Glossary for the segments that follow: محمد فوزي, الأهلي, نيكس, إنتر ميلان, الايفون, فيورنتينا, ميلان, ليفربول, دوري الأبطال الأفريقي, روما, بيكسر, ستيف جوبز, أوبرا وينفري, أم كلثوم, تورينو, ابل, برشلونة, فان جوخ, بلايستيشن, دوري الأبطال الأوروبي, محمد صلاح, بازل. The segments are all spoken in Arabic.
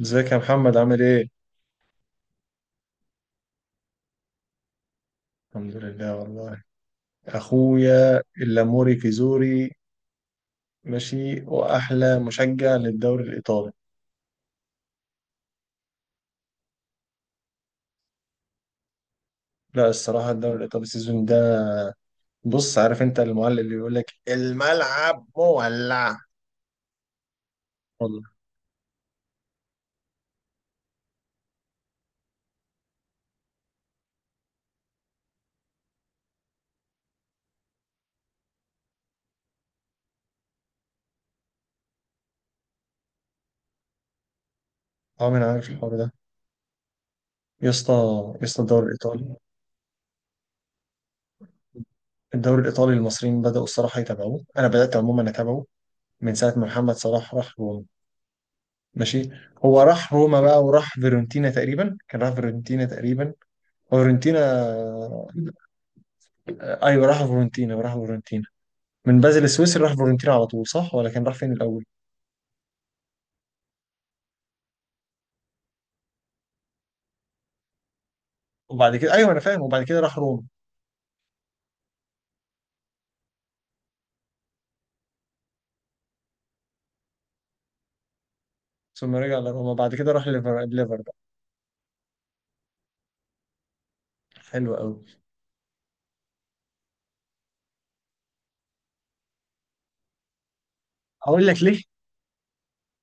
ازيك يا محمد عامل ايه؟ الحمد لله والله. اخويا اللاموري كيزوري. ماشي، واحلى مشجع للدوري الايطالي. لا، الصراحه الدوري الايطالي السيزون ده. بص، عارف انت المعلق اللي بيقول لك الملعب مولع. والله عمري ما عارف الحوار ده. يا اسطى. يا اسطى، الدوري الايطالي. الدوري الايطالي المصريين بداوا الصراحه يتابعوه، انا بدات عموما اتابعه من ساعه ما محمد صلاح راح روما. ماشي. هو راح روما بقى وراح فيرونتينا تقريبا، كان راح فيرونتينا تقريبا. هو فيرونتينا؟ آه، ايوه راح فورنتينا راح فورنتينا. من بازل السويسري راح فورنتينا على طول، صح ولا كان راح فين الاول؟ وبعد كده ايوه انا فاهم، وبعد كده راح روما. ثم رجع لروما، بعد كده راح ليفر ليفر بقى. حلو قوي. هقول لك ليه.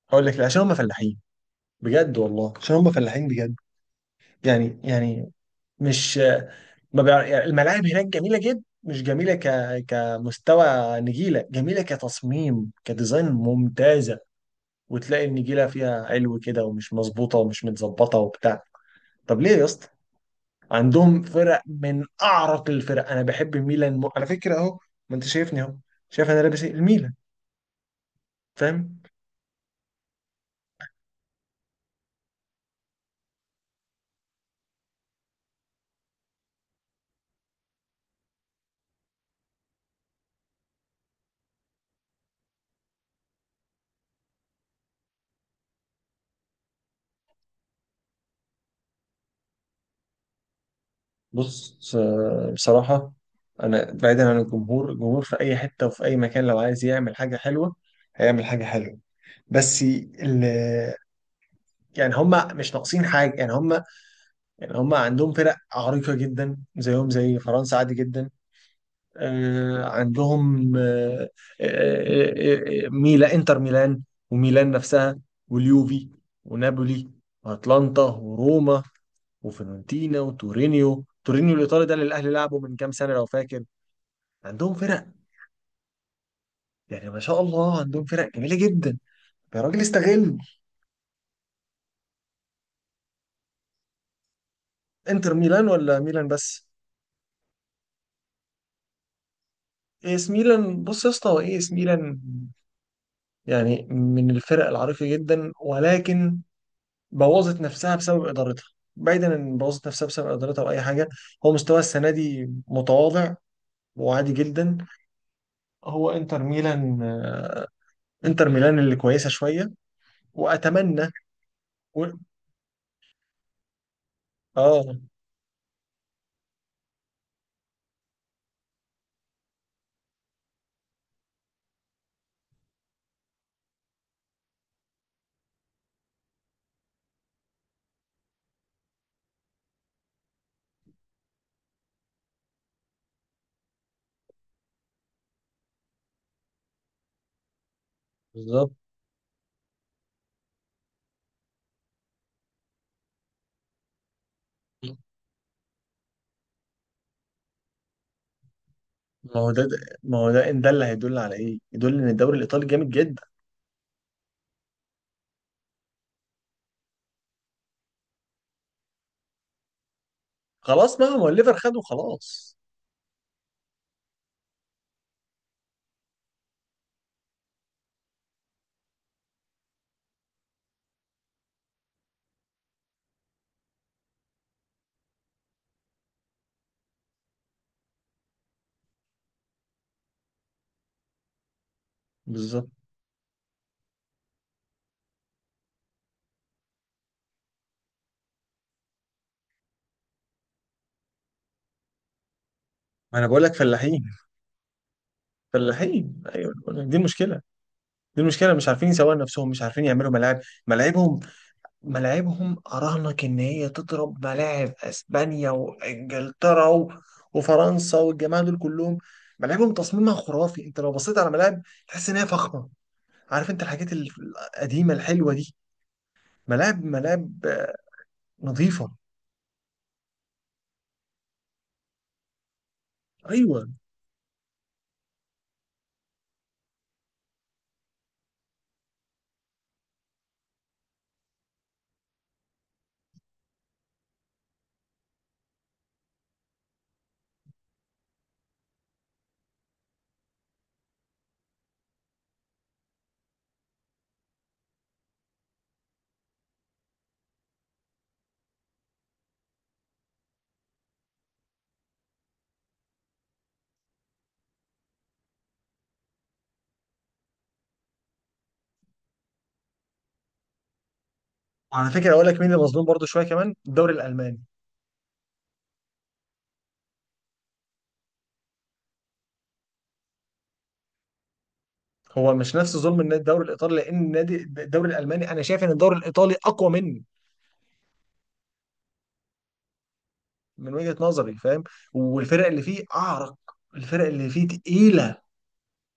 هقول لك ليه، عشان هم فلاحين. بجد والله، عشان هم فلاحين بجد. يعني. مش ما بيع... يعني الملاعب هناك جميله جدا، مش جميله ك... كمستوى. نجيله جميله كتصميم، كديزاين ممتازه. وتلاقي النجيله فيها علو كده ومش مظبوطه ومش متظبطه وبتاع. طب ليه يا اسطى؟ عندهم فرق من اعرق الفرق، انا بحب ميلان م... على فكره اهو. ما انت شايفني اهو، شايف انا لابس ايه؟ الميلان. فاهم. بص س- بصراحه انا بعيدا عن الجمهور، الجمهور في اي حته وفي اي مكان لو عايز يعمل حاجه حلوه هيعمل حاجه حلوه. بس ال... يعني هم مش ناقصين حاجه، يعني هم عندهم فرق عريقه جدا، زيهم زي فرنسا عادي جدا. عندهم آه، آه، آه، آه، ميلا انتر ميلان. وميلان نفسها. واليوفي. ونابولي. واتلانتا وروما. وفيورنتينا وتورينيو، تورينيو الايطالي ده اللي الاهلي لعبه من كام سنه لو فاكر. عندهم فرق. يعني ما شاء الله عندهم فرق جميله جدا. يا راجل استغل. انتر ميلان ولا ميلان بس؟ اي اس ميلان. بص يا اسطى، هو اي اس ميلان يعني من الفرق العريقه جدا، ولكن بوظت نفسها بسبب ادارتها. بعيدا ان بوظت نفسها بسبب ادارتها او اي حاجه، هو مستواه السنه دي متواضع وعادي جدا. هو انتر ميلان انتر ميلان اللي كويسه شويه. واتمنى. و... اه. بالظبط. ما هو ده. ما هو ده، ان ده اللي هيدل على ايه؟ يدل ان الدوري الايطالي جامد جدا. خلاص بقى، ما هو الليفر خده خلاص. بالظبط. ما انا بقول لك فلاحين. فلاحين، ايوه، أنا بقول لك دي المشكله. دي المشكله مش عارفين يسوقوا نفسهم، مش عارفين يعملوا ملاعب. ملاعبهم. ملاعبهم أراهنك إن هي تضرب ملاعب أسبانيا وإنجلترا و- وفرنسا والجماعة دول كلهم. ملاعبهم تصميمها خرافي، أنت لو بصيت على ملاعب تحس إن هي فخمة. عارف أنت الحاجات ال- القديمة الحلوة دي. ملاعب ملاعب نظيفة. أيوه. وعلى فكرة أقول لك مين اللي مظلوم برضه شوية كمان؟ الدوري الألماني. هو مش نفس ظلم النادي الدوري الإيطالي، لأن النادي الدوري الألماني أنا شايف إن الدوري الإيطالي أقوى منه. من وجهة نظري، فاهم. والفرق اللي فيه أعرق. الفرق اللي فيه تقيلة.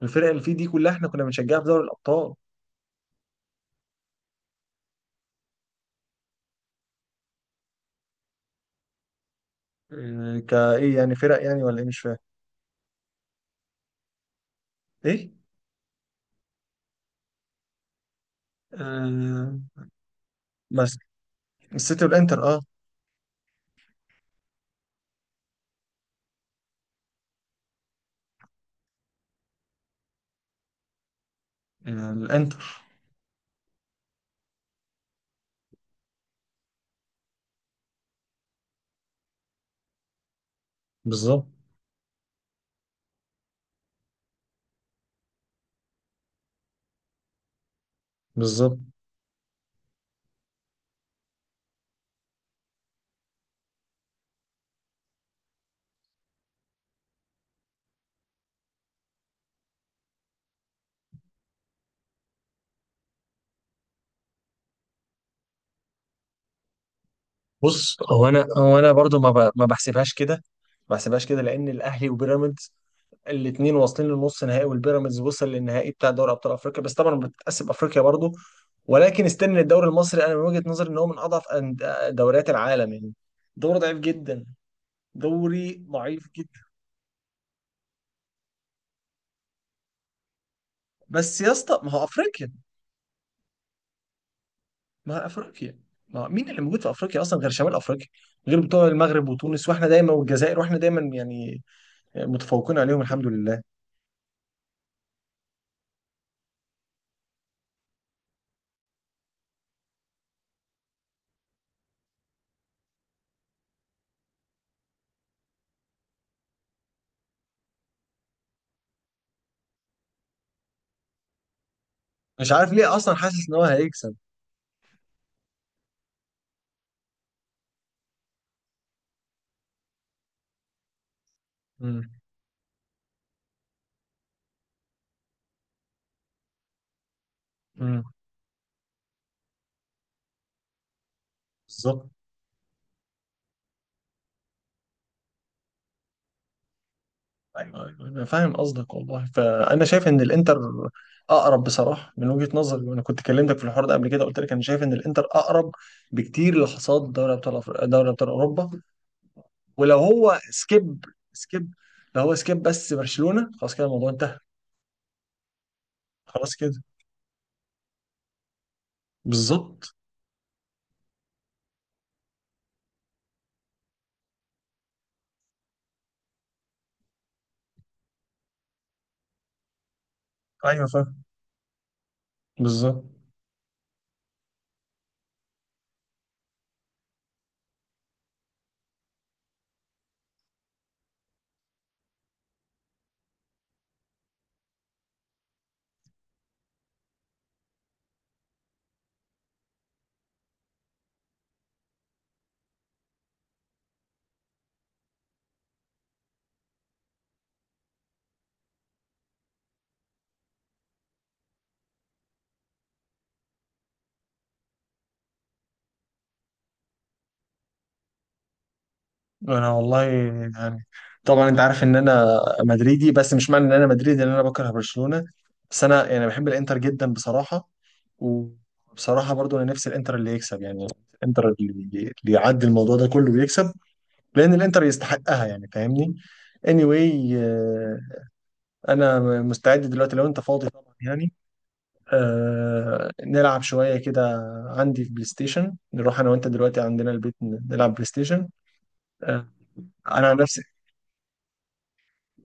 الفرق اللي فيه دي كلها احنا كنا بنشجعها في دوري الابطال. كايه يعني فرق يعني ولا ايه؟ مش فاهم. ايه. آه، بس السيتي والانتر اه. الانتر. بالظبط. بالظبط. بص، هو انا برضو ما بحسبهاش كده. ما بحسبهاش كده لان الاهلي وبيراميدز الاثنين واصلين للنص نهائي، والبيراميدز وصل للنهائي بتاع دوري ابطال افريقيا، بس طبعا بتتقسم افريقيا برضو. ولكن استنى، الدوري المصري انا من وجهة نظري ان هو من اضعف أن- دوريات العالم يعني. دوري ضعيف جدا. دوري ضعيف. بس يا اسطى ما هو افريقيا. ما افريقيا. ما هو مين اللي موجود في افريقيا اصلا غير شمال افريقيا؟ غير بتوع المغرب وتونس، واحنا دايما، والجزائر، واحنا دايما يعني متفوقين عليهم الحمد لله. مش عارف ليه، اصلا حاسس ان هو هيكسب. امم. امم. بالظبط. ايوه ايوه انا فاهم قصدك والله، فانا شايف ان الانتر اقرب بصراحه من وجهه نظري، وانا كنت كلمتك في الحوار ده قبل كده، قلت لك انا شايف ان الانتر اقرب بكتير لحصاد دوري ابطال أفر- دوري ابطال اوروبا. ولو هو سكيب، سكيب، لو هو سكيب بس برشلونه خلاص كده الموضوع انتهى. خلاص كده. بالظبط. ايوه فاهم. بالظبط. انا والله يعني، طبعا انت عارف ان انا مدريدي، بس مش معنى ان انا مدريدي ان انا بكره برشلونة. بس انا يعني بحب الانتر جدا بصراحة. وبصراحة برضو انا نفسي الانتر اللي يكسب يعني، الانتر اللي يعدي الموضوع ده كله ويكسب، لان الانتر يستحقها، يعني فاهمني. anyway انا مستعد دلوقتي لو انت فاضي طبعا، يعني آه نلعب شوية كده. عندي في بلاي ستيشن، نروح أنا وأنت دلوقتي عندنا البيت ن- نلعب بلاي ستيشن. آه. أنا عن نفسي.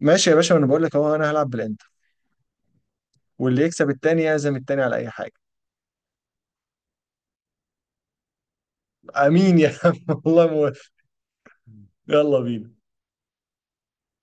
ماشي يا باشا، أنا بقول لك أهو أنا هلعب بالإنتر. واللي يكسب التاني يعزم التاني على أي حاجة. أمين يا عم والله مو... يلا بينا.